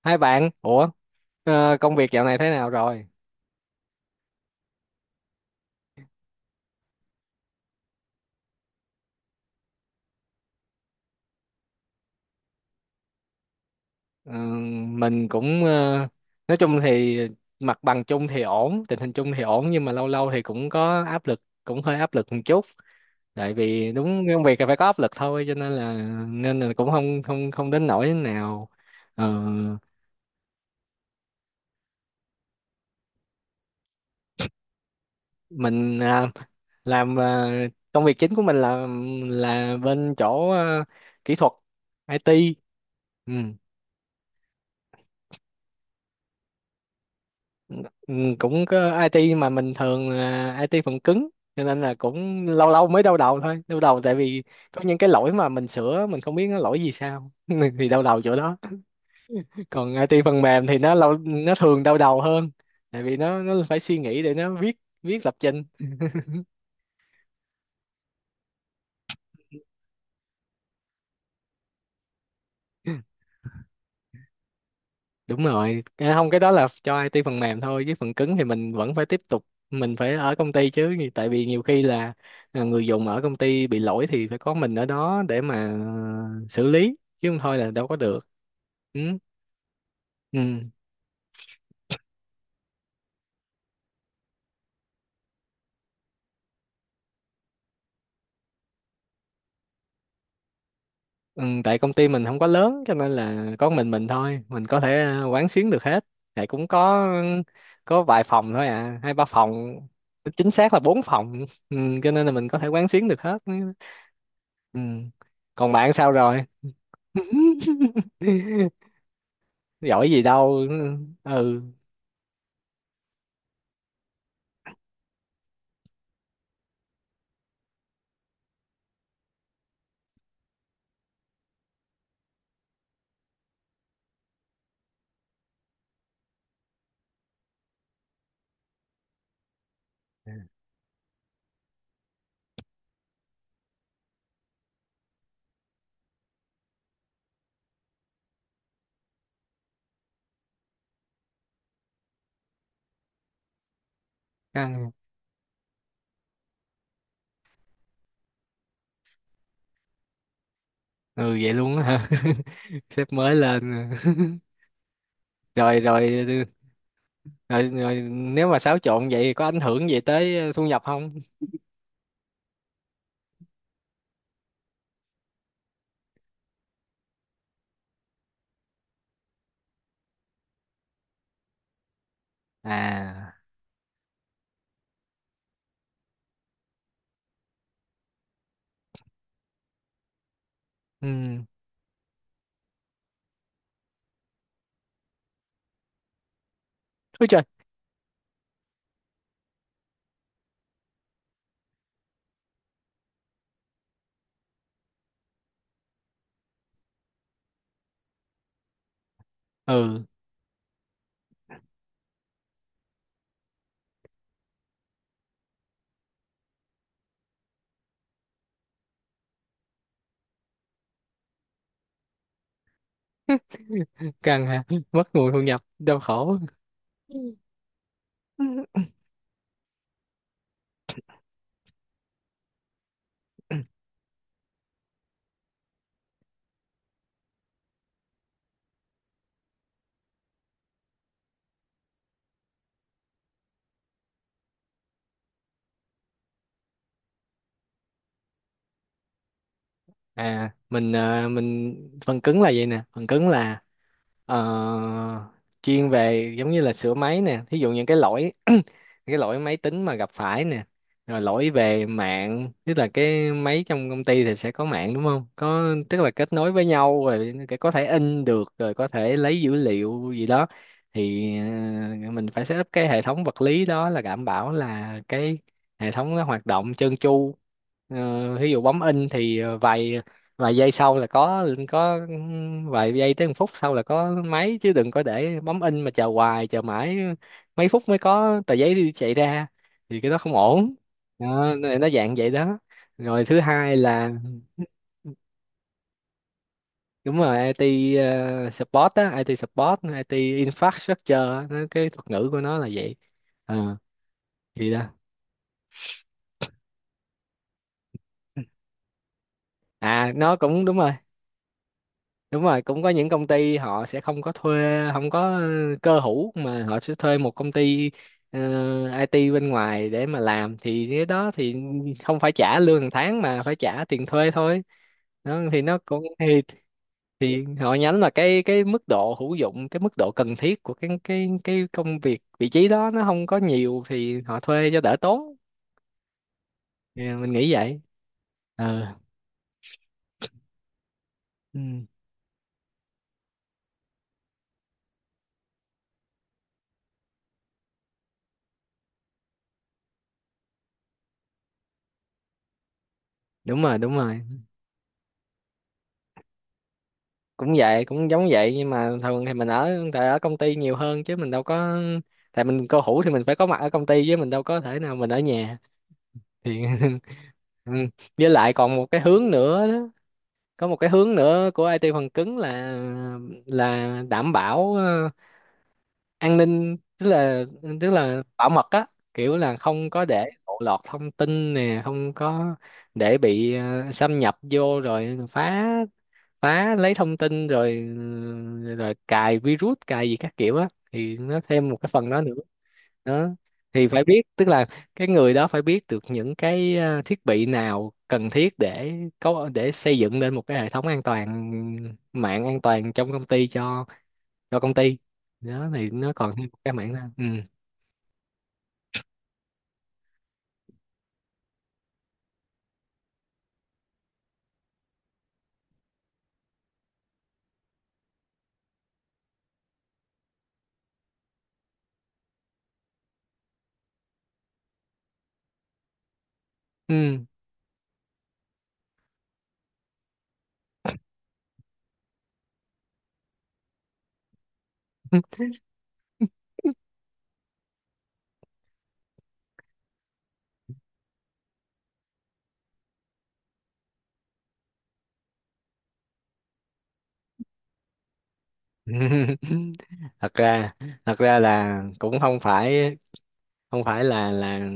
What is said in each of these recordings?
Hai bạn, ủa, công việc dạo này thế nào rồi? Ờ, mình cũng nói chung thì mặt bằng chung thì ổn, tình hình chung thì ổn nhưng mà lâu lâu thì cũng có áp lực, cũng hơi áp lực một chút. Tại vì đúng công việc là phải có áp lực thôi cho nên là cũng không không không đến nỗi nào. Ờ, mình à, làm à, Công việc chính của mình là bên chỗ kỹ thuật IT. Ừ. Ừ, cũng có IT mà mình thường là IT phần cứng cho nên là cũng lâu lâu mới đau đầu thôi, đau đầu tại vì có những cái lỗi mà mình sửa mình không biết nó lỗi gì sao thì đau đầu chỗ đó. Còn IT phần mềm thì nó lâu nó thường đau đầu hơn tại vì nó phải suy nghĩ để nó viết viết lập trình. Đúng rồi. Không, cái đó là cho IT phần mềm thôi chứ phần cứng thì mình vẫn phải tiếp tục, mình phải ở công ty chứ, tại vì nhiều khi là người dùng ở công ty bị lỗi thì phải có mình ở đó để mà xử lý, chứ không thôi là đâu có được. Ừ. Ừ. Ừ. Tại công ty mình không có lớn cho nên là có mình thôi, mình có thể quán xuyến được hết, tại cũng có vài phòng thôi, hai ba phòng, chính xác là bốn phòng. Ừ. Cho nên là mình có thể quán xuyến được hết. Ừ. Còn bạn sao rồi? Giỏi gì đâu. Ừ, căng. Ừ, vậy luôn á hả? Sếp mới lên. Rồi rồi rồi rồi, nếu mà xáo trộn vậy có ảnh hưởng gì tới thu nhập không? À. Ừ. Ôi trời. Ừ, căng ha. Mất nguồn thu nhập đau khổ. Mình phần cứng là vậy nè, phần cứng là... Ờ, chuyên về giống như là sửa máy nè, thí dụ những cái lỗi những cái lỗi máy tính mà gặp phải nè, rồi lỗi về mạng. Tức là cái máy trong công ty thì sẽ có mạng đúng không, có tức là kết nối với nhau rồi, cái có thể in được rồi, có thể lấy dữ liệu gì đó. Thì mình phải setup cái hệ thống vật lý đó, là đảm bảo là cái hệ thống nó hoạt động trơn tru. Ví dụ bấm in thì vài vài giây sau là có vài giây tới một phút sau là có máy, chứ đừng có để bấm in mà chờ hoài chờ mãi mấy phút mới có tờ giấy đi chạy ra, thì cái đó không ổn. Đó, nó dạng vậy đó. Rồi thứ hai là... Đúng rồi, IT support á, IT support, IT infrastructure á, cái thuật ngữ của nó là vậy. Ờ, thì đó. À, nó cũng đúng rồi. Đúng rồi, cũng có những công ty họ sẽ không có thuê, không có cơ hữu mà họ sẽ thuê một công ty ờ, IT bên ngoài để mà làm, thì cái đó thì không phải trả lương hàng tháng mà phải trả tiền thuê thôi. Đó, thì nó cũng thì, họ nhắm là cái mức độ hữu dụng, cái mức độ cần thiết của cái công việc vị trí đó nó không có nhiều thì họ thuê cho đỡ tốn. Thì mình nghĩ vậy. Ờ, ừ, đúng rồi, đúng rồi. Cũng vậy, cũng giống vậy, nhưng mà thường thì mình ở tại ở công ty nhiều hơn chứ mình đâu có, tại mình cô hủ thì mình phải có mặt ở công ty chứ mình đâu có thể nào mình ở nhà. Thì ừ. Với lại còn một cái hướng nữa đó, có một cái hướng nữa của IT phần cứng là đảm bảo an ninh, tức là bảo mật á, kiểu là không có để lộ lọt thông tin nè, không có để bị xâm nhập vô rồi phá phá lấy thông tin rồi rồi cài virus cài gì các kiểu á, thì nó thêm một cái phần đó nữa. Đó, thì phải biết, tức là cái người đó phải biết được những cái thiết bị nào cần thiết để có, để xây dựng lên một cái hệ thống an toàn, mạng an toàn trong công ty cho công ty. Đó thì nó còn thêm một cái mảng đó. Ừ. Ừ. thật ra thật ra là cũng không phải là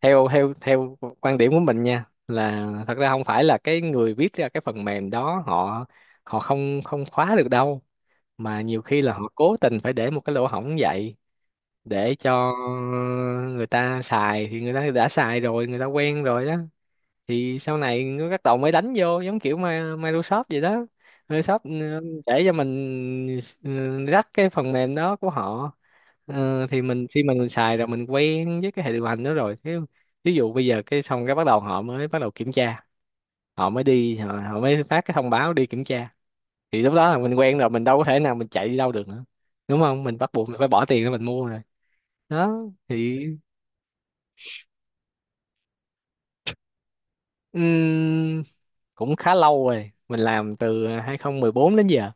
theo theo theo quan điểm của mình nha, là thật ra không phải là cái người viết ra cái phần mềm đó họ họ không không khóa được đâu, mà nhiều khi là họ cố tình phải để một cái lỗ hổng vậy để cho người ta xài. Thì người ta đã xài rồi, người ta quen rồi đó, thì sau này các tàu mới đánh vô, giống kiểu Microsoft vậy đó. Microsoft, để cho mình, rắc cái phần mềm đó của họ. Thì mình khi mà mình xài rồi, mình quen với cái hệ điều hành đó rồi thế, ví dụ bây giờ cái xong cái bắt đầu họ mới bắt đầu kiểm tra, họ mới đi họ, họ mới phát cái thông báo đi kiểm tra, thì lúc đó là mình quen rồi, mình đâu có thể nào mình chạy đi đâu được nữa, đúng không? Mình bắt buộc mình phải bỏ tiền ra mình mua rồi, đó. Thì ừm, cũng khá lâu rồi, mình làm từ 2014 đến giờ.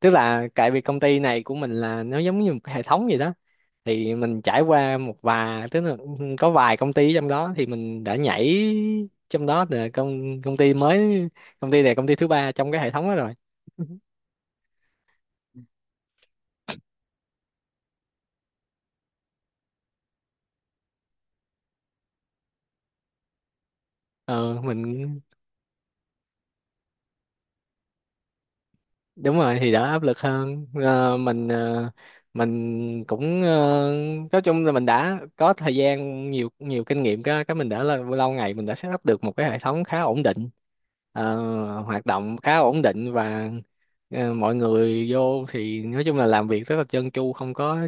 Tức là tại vì công ty này của mình là nó giống như một cái hệ thống gì đó, thì mình trải qua một vài, tức là có vài công ty trong đó thì mình đã nhảy, trong đó là công công ty mới, công ty này công ty thứ ba trong cái hệ thống đó rồi. Ờ, mình Đúng rồi, thì đỡ áp lực hơn. Ờ, mình cũng nói chung là mình đã có thời gian nhiều, nhiều kinh nghiệm, cái mình đã là lâu ngày mình đã set up được một cái hệ thống khá ổn định. Ờ, Hoạt động khá ổn định và mọi người vô thì nói chung là làm việc rất là trơn tru, không có,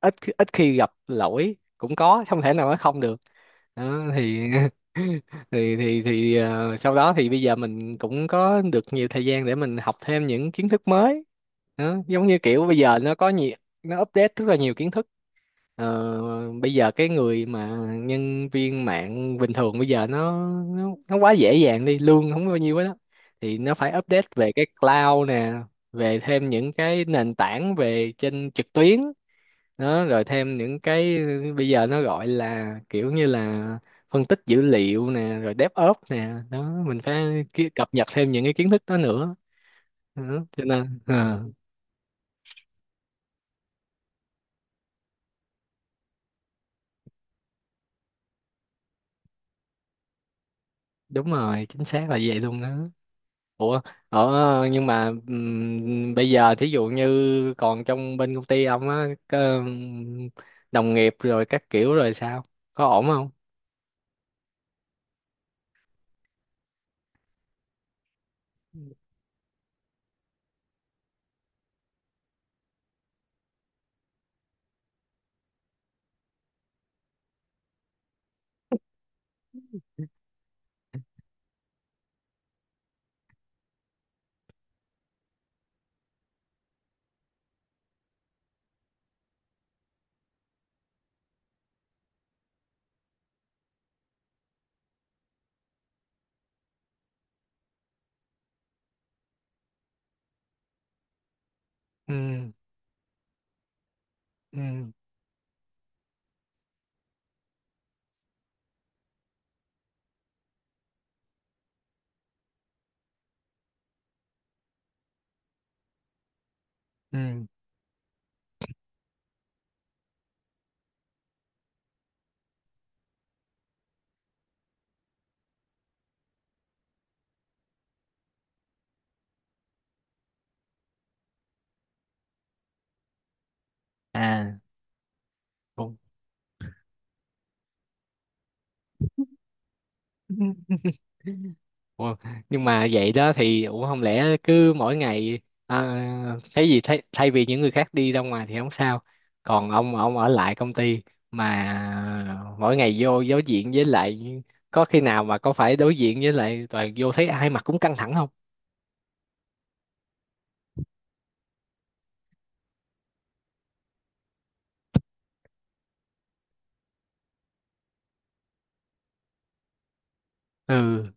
ít ít khi gặp lỗi, cũng có, không thể nào nói không được. Đó thì thì sau đó thì bây giờ mình cũng có được nhiều thời gian để mình học thêm những kiến thức mới đó. Giống như kiểu bây giờ nó có nhiều, nó update rất là nhiều kiến thức. Bây giờ cái người mà nhân viên mạng bình thường bây giờ nó quá dễ dàng, đi lương không có bao nhiêu hết đó, thì nó phải update về cái cloud nè, về thêm những cái nền tảng về trên trực tuyến đó, rồi thêm những cái bây giờ nó gọi là kiểu như là phân tích dữ liệu nè, rồi DevOps nè, đó mình phải cập nhật thêm những cái kiến thức đó nữa đó. Cho nên đúng rồi, chính xác là vậy luôn đó. Ủa, ở nhưng mà bây giờ thí dụ như còn trong bên công ty ông á, có đồng nghiệp rồi các kiểu rồi sao, có ổn không? Ừ. Ừ. Ừ. À, ổn. Ủa, nhưng mà vậy đó thì, ủa, không lẽ cứ mỗi ngày à, thấy gì thay vì những người khác đi ra ngoài thì không sao, còn ông ở lại công ty, mà mỗi ngày vô đối diện với lại, có khi nào mà có phải đối diện với lại toàn vô thấy ai mặt cũng căng thẳng không? Ừ.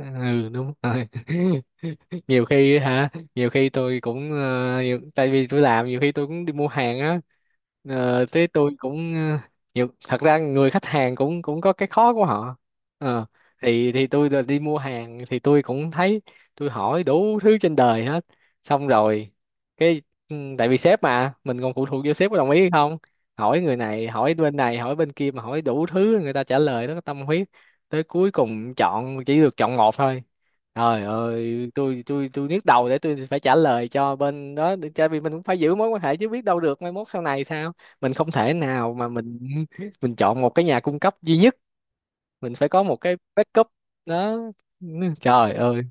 Ừ, đúng rồi. Nhiều khi hả? Nhiều khi tôi cũng tại vì tôi làm nhiều khi tôi cũng đi mua hàng á. Thế tôi cũng ờ, nhiều thật ra người khách hàng cũng cũng có cái khó của họ. Ờ, thì tôi là đi mua hàng thì tôi cũng thấy, tôi hỏi đủ thứ trên đời hết, xong rồi cái, tại vì sếp mà mình còn phụ thuộc vô sếp có đồng ý hay không, hỏi người này hỏi bên kia mà hỏi đủ thứ, người ta trả lời nó có tâm huyết, tới cuối cùng chọn chỉ được chọn một thôi, trời ơi, tôi nhức đầu để tôi phải trả lời cho bên đó, tại vì mình cũng phải giữ mối quan hệ chứ, biết đâu được mai mốt sau này sao, mình không thể nào mà mình mình chọn một cái nhà cung cấp duy nhất, mình phải có một cái backup đó. Trời ơi.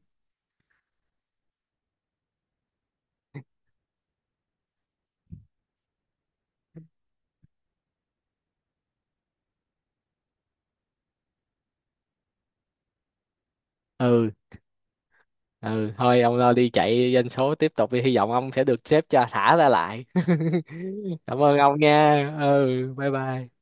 Ừ. Ừ, thôi ông lo đi chạy doanh số tiếp tục đi, hy vọng ông sẽ được sếp cho thả ra lại. Cảm ơn ông nha. Ừ, bye bye.